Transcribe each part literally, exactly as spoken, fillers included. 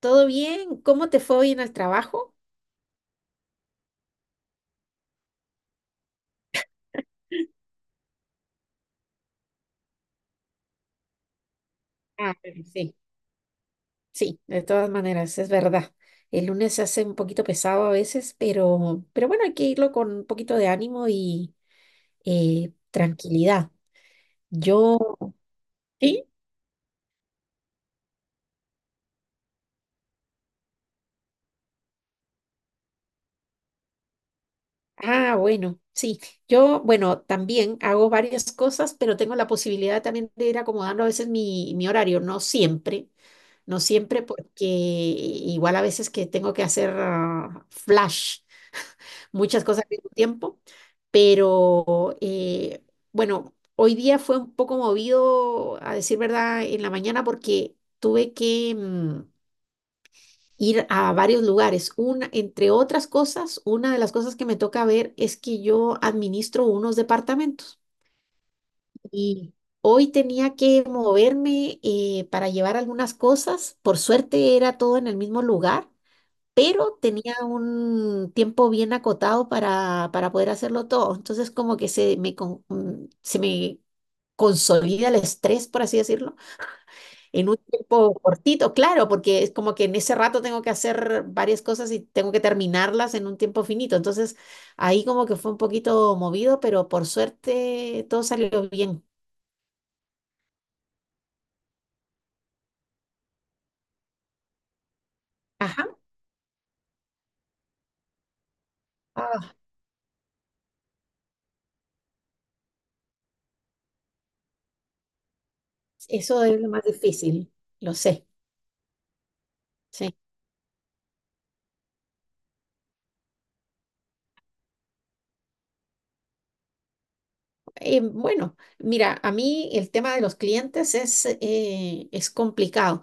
¿Todo bien? ¿Cómo te fue hoy en el trabajo? Ah, bueno, sí. Sí, de todas maneras, es verdad. El lunes se hace un poquito pesado a veces, pero, pero bueno, hay que irlo con un poquito de ánimo y eh, tranquilidad. Yo, ¿sí? Ah, bueno, sí. Yo, bueno, también hago varias cosas, pero tengo la posibilidad también de ir acomodando a veces mi, mi horario, no siempre, no siempre, porque igual a veces que tengo que hacer ah, flash. Muchas cosas al mismo tiempo, pero eh, bueno, hoy día fue un poco movido, a decir verdad, en la mañana, porque tuve que mm, ir a varios lugares. Una, entre otras cosas, una de las cosas que me toca ver es que yo administro unos departamentos, y hoy tenía que moverme eh, para llevar algunas cosas. Por suerte era todo en el mismo lugar, pero tenía un tiempo bien acotado para, para poder hacerlo todo. Entonces como que se me, con- mm, se me consolida el estrés, por así decirlo, en un tiempo cortito, claro, porque es como que en ese rato tengo que hacer varias cosas y tengo que terminarlas en un tiempo finito. Entonces ahí como que fue un poquito movido, pero por suerte todo salió bien. Ajá. Ah, eso es lo más difícil, lo sé. Sí. Eh, bueno, mira, a mí el tema de los clientes es, eh, es complicado.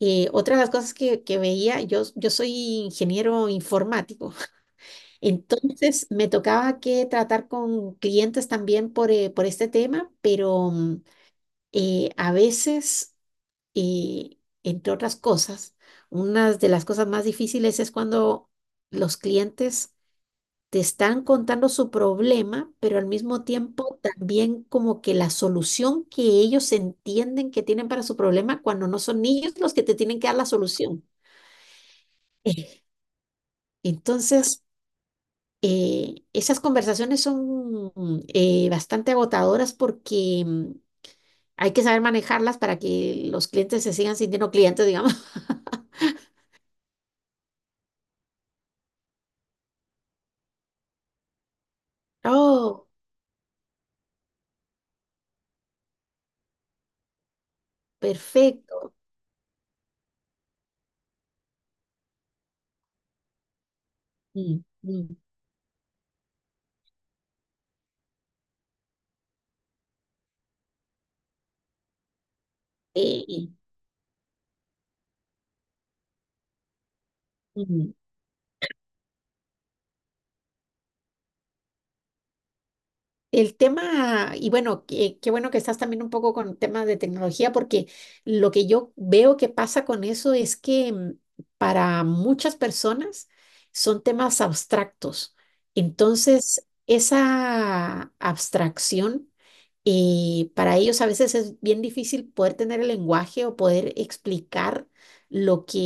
Eh, otra de las cosas que, que veía, yo, yo soy ingeniero informático, entonces me tocaba que tratar con clientes también por, eh, por este tema, pero mm, eh, a veces, eh, entre otras cosas, una de las cosas más difíciles es cuando los clientes te están contando su problema, pero al mismo tiempo también como que la solución que ellos entienden que tienen para su problema cuando no son ellos los que te tienen que dar la solución. Eh, Entonces, eh, esas conversaciones son mm, eh, bastante agotadoras porque mm, hay que saber manejarlas para que los clientes se sigan sintiendo clientes, digamos. Oh, perfecto. Mm, mm, eh, mm. El tema, y bueno, qué, qué bueno que estás también un poco con temas de tecnología, porque lo que yo veo que pasa con eso es que, mm, para muchas personas son temas abstractos. Entonces, esa abstracción, eh, para ellos a veces es bien difícil poder tener el lenguaje o poder explicar lo que,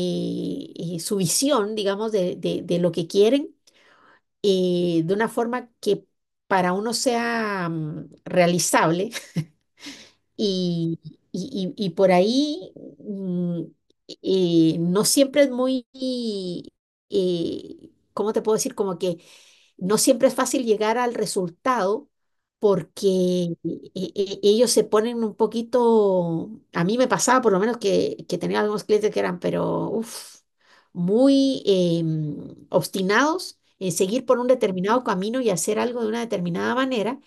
eh, su visión, digamos, de, de de lo que quieren, eh, de una forma que para uno sea mm, realizable, y, y- y- y por ahí mm, eh, no siempre es muy, eh, ¿cómo te puedo decir? Como que no siempre es fácil llegar al resultado porque, eh, eh, ellos se ponen un poquito, a mí me pasaba por lo menos que, que tenía algunos clientes que eran, pero uf, muy em, obstinados en seguir por un determinado camino y hacer algo de una determinada manera,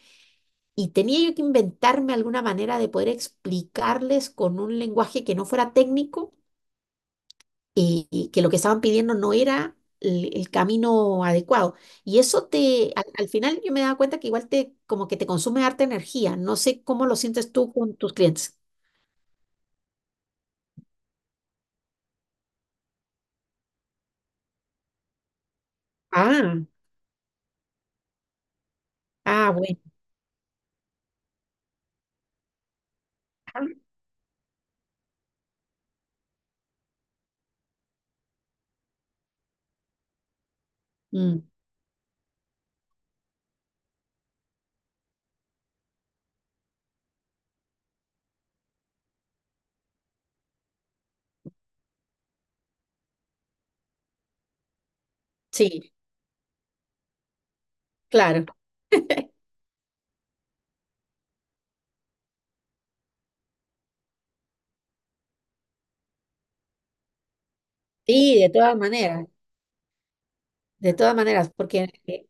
y tenía yo que inventarme alguna manera de poder explicarles con un lenguaje que no fuera técnico, y, y que lo que estaban pidiendo no era el, el camino adecuado. Y eso te, al, al final yo me daba cuenta que igual te, como que te consume harta energía. No sé cómo lo sientes tú con tus clientes. Ah, ah, bueno. Ah, mm, sí, claro. Sí, de todas maneras, de todas maneras, porque... eh,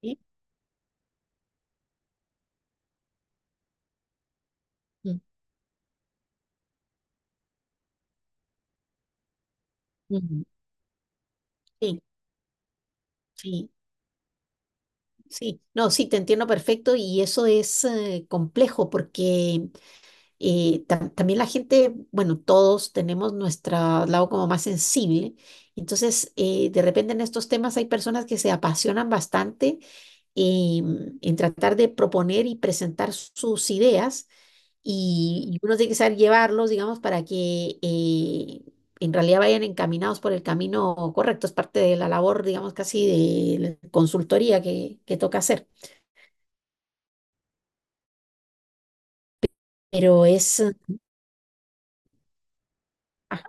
sí, mm, mm, sí, sí. Sí, no, sí, te entiendo perfecto y eso es eh, complejo porque, eh, tam- también la gente, bueno, todos tenemos nuestro lado como más sensible, entonces, eh, de repente en estos temas hay personas que se apasionan bastante em, en tratar de proponer y presentar sus ideas, y, y uno tiene que saber llevarlos, digamos, para que eh, en realidad vayan encaminados por el camino correcto. Es parte de la labor, digamos, casi de la consultoría que, que toca hacer. Pero es... ah,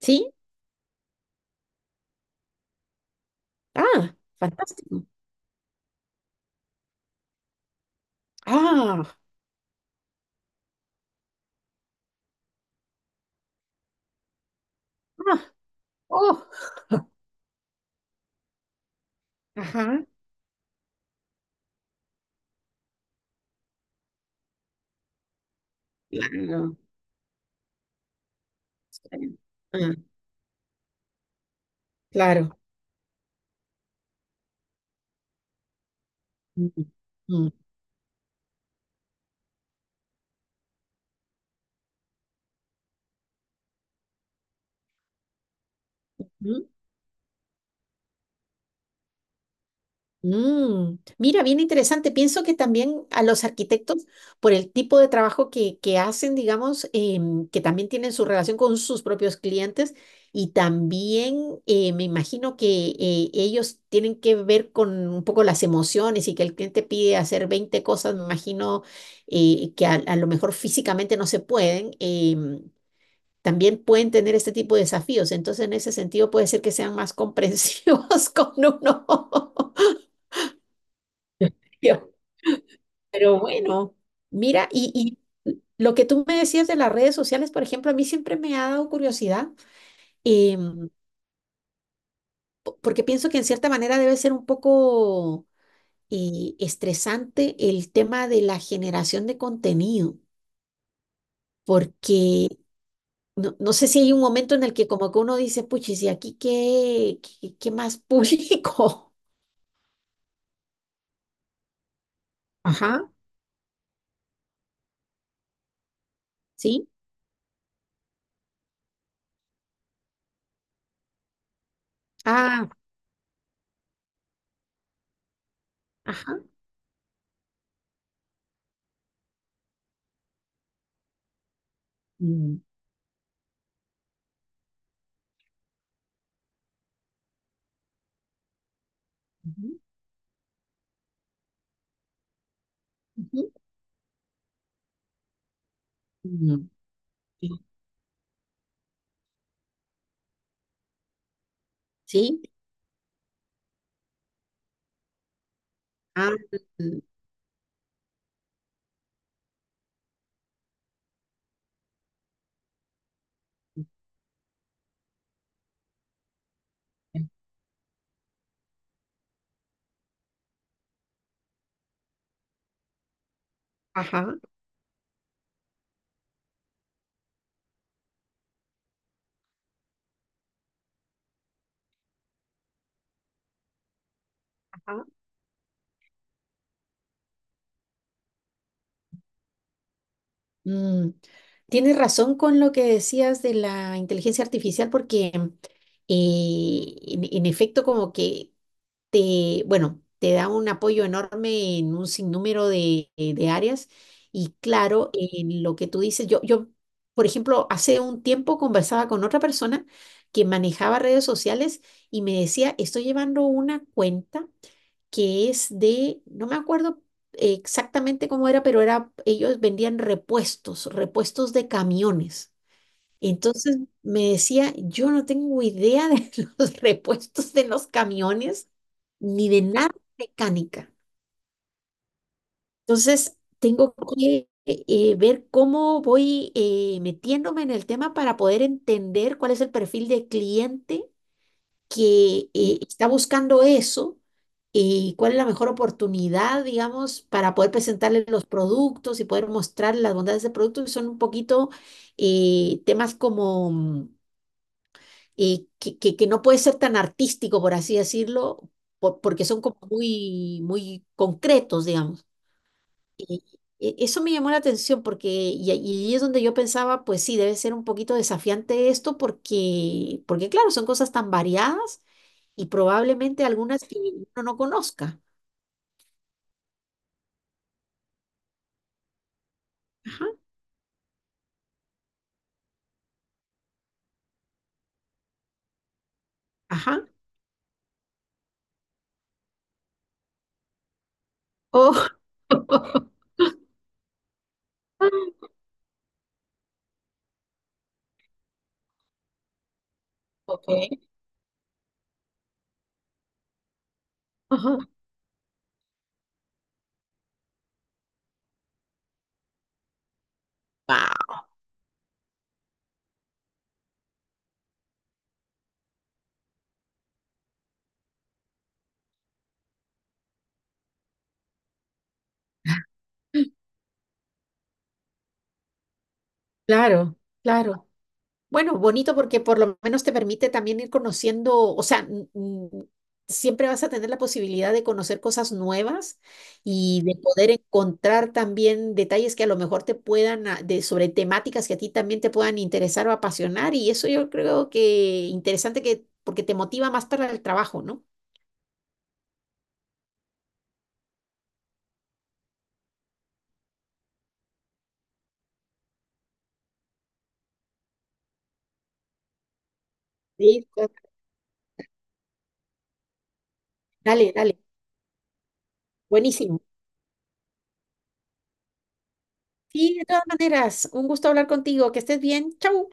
¿Sí? Ah, fantástico. Ah, ah, oh, ajá, claro. Sí, ah, claro. Mm, mm, mm. Mm, mira, bien interesante. Pienso que también a los arquitectos, por el tipo de trabajo que, que hacen, digamos, em, que también tienen su relación con sus propios clientes, y también eh, me imagino que eh, ellos tienen que ver con un poco las emociones y que el cliente pide hacer veinte cosas, me imagino, eh, que a, a lo mejor físicamente no se pueden. em, También pueden tener este tipo de desafíos, entonces en ese sentido puede ser que sean más comprensivos con uno. Pero bueno, mira, y, y lo que tú me decías de las redes sociales, por ejemplo, a mí siempre me ha dado curiosidad, em, po- porque pienso que en cierta manera debe ser un poco eh, estresante el tema de la generación de contenido, porque no, no sé si hay un momento en el que como que uno dice, puchis, ¿y aquí qué, qué, qué más público? Ajá, ¿sí? Ah, ajá. Mm, ujú, ujú, mm, sí, ah. Mm, ajá, ajá. Mm, tienes razón con lo que decías de la inteligencia artificial, porque eh, en, en efecto como que te, bueno, te da un apoyo enorme en un sinnúmero de, de áreas, y claro, en lo que tú dices, yo, yo, por ejemplo, hace un tiempo conversaba con otra persona que manejaba redes sociales y me decía, estoy llevando una cuenta que es de, no me acuerdo exactamente cómo era, pero era, ellos vendían repuestos, repuestos de camiones. Entonces me decía, yo no tengo idea de los repuestos de los camiones ni de nada de mecánica. Entonces tengo que eh, ver cómo voy eh, metiéndome en el tema para poder entender cuál es el perfil de cliente que eh, está buscando eso, y cuál es la mejor oportunidad, digamos, para poder presentarle los productos y poder mostrar las bondades del producto, que son un poquito, eh, temas como mm, eh, que, que- que no puede ser tan artístico, por así decirlo, por- porque son como muy, muy concretos, digamos. Y e- Eso me llamó la atención porque, y, ahí y ahí es donde yo pensaba, pues sí, debe ser un poquito desafiante esto porque, porque, claro, son cosas tan variadas y probablemente algunas que uno no conozca. Ajá, ajá. Oh, ok. Ajá. Wao. Claro, claro. Bueno, bonito porque por lo menos te permite también ir conociendo, o sea, n- n- siempre vas a tener la posibilidad de conocer cosas nuevas y de poder encontrar también detalles que a lo mejor te puedan, a- de, sobre temáticas que a ti también te puedan interesar o apasionar. Y eso yo creo que interesante que, porque te motiva más para el trabajo, ¿no? Sí, claro. Dale, dale. Buenísimo. Sí, de todas maneras, un gusto hablar contigo. Que estés bien. Chau.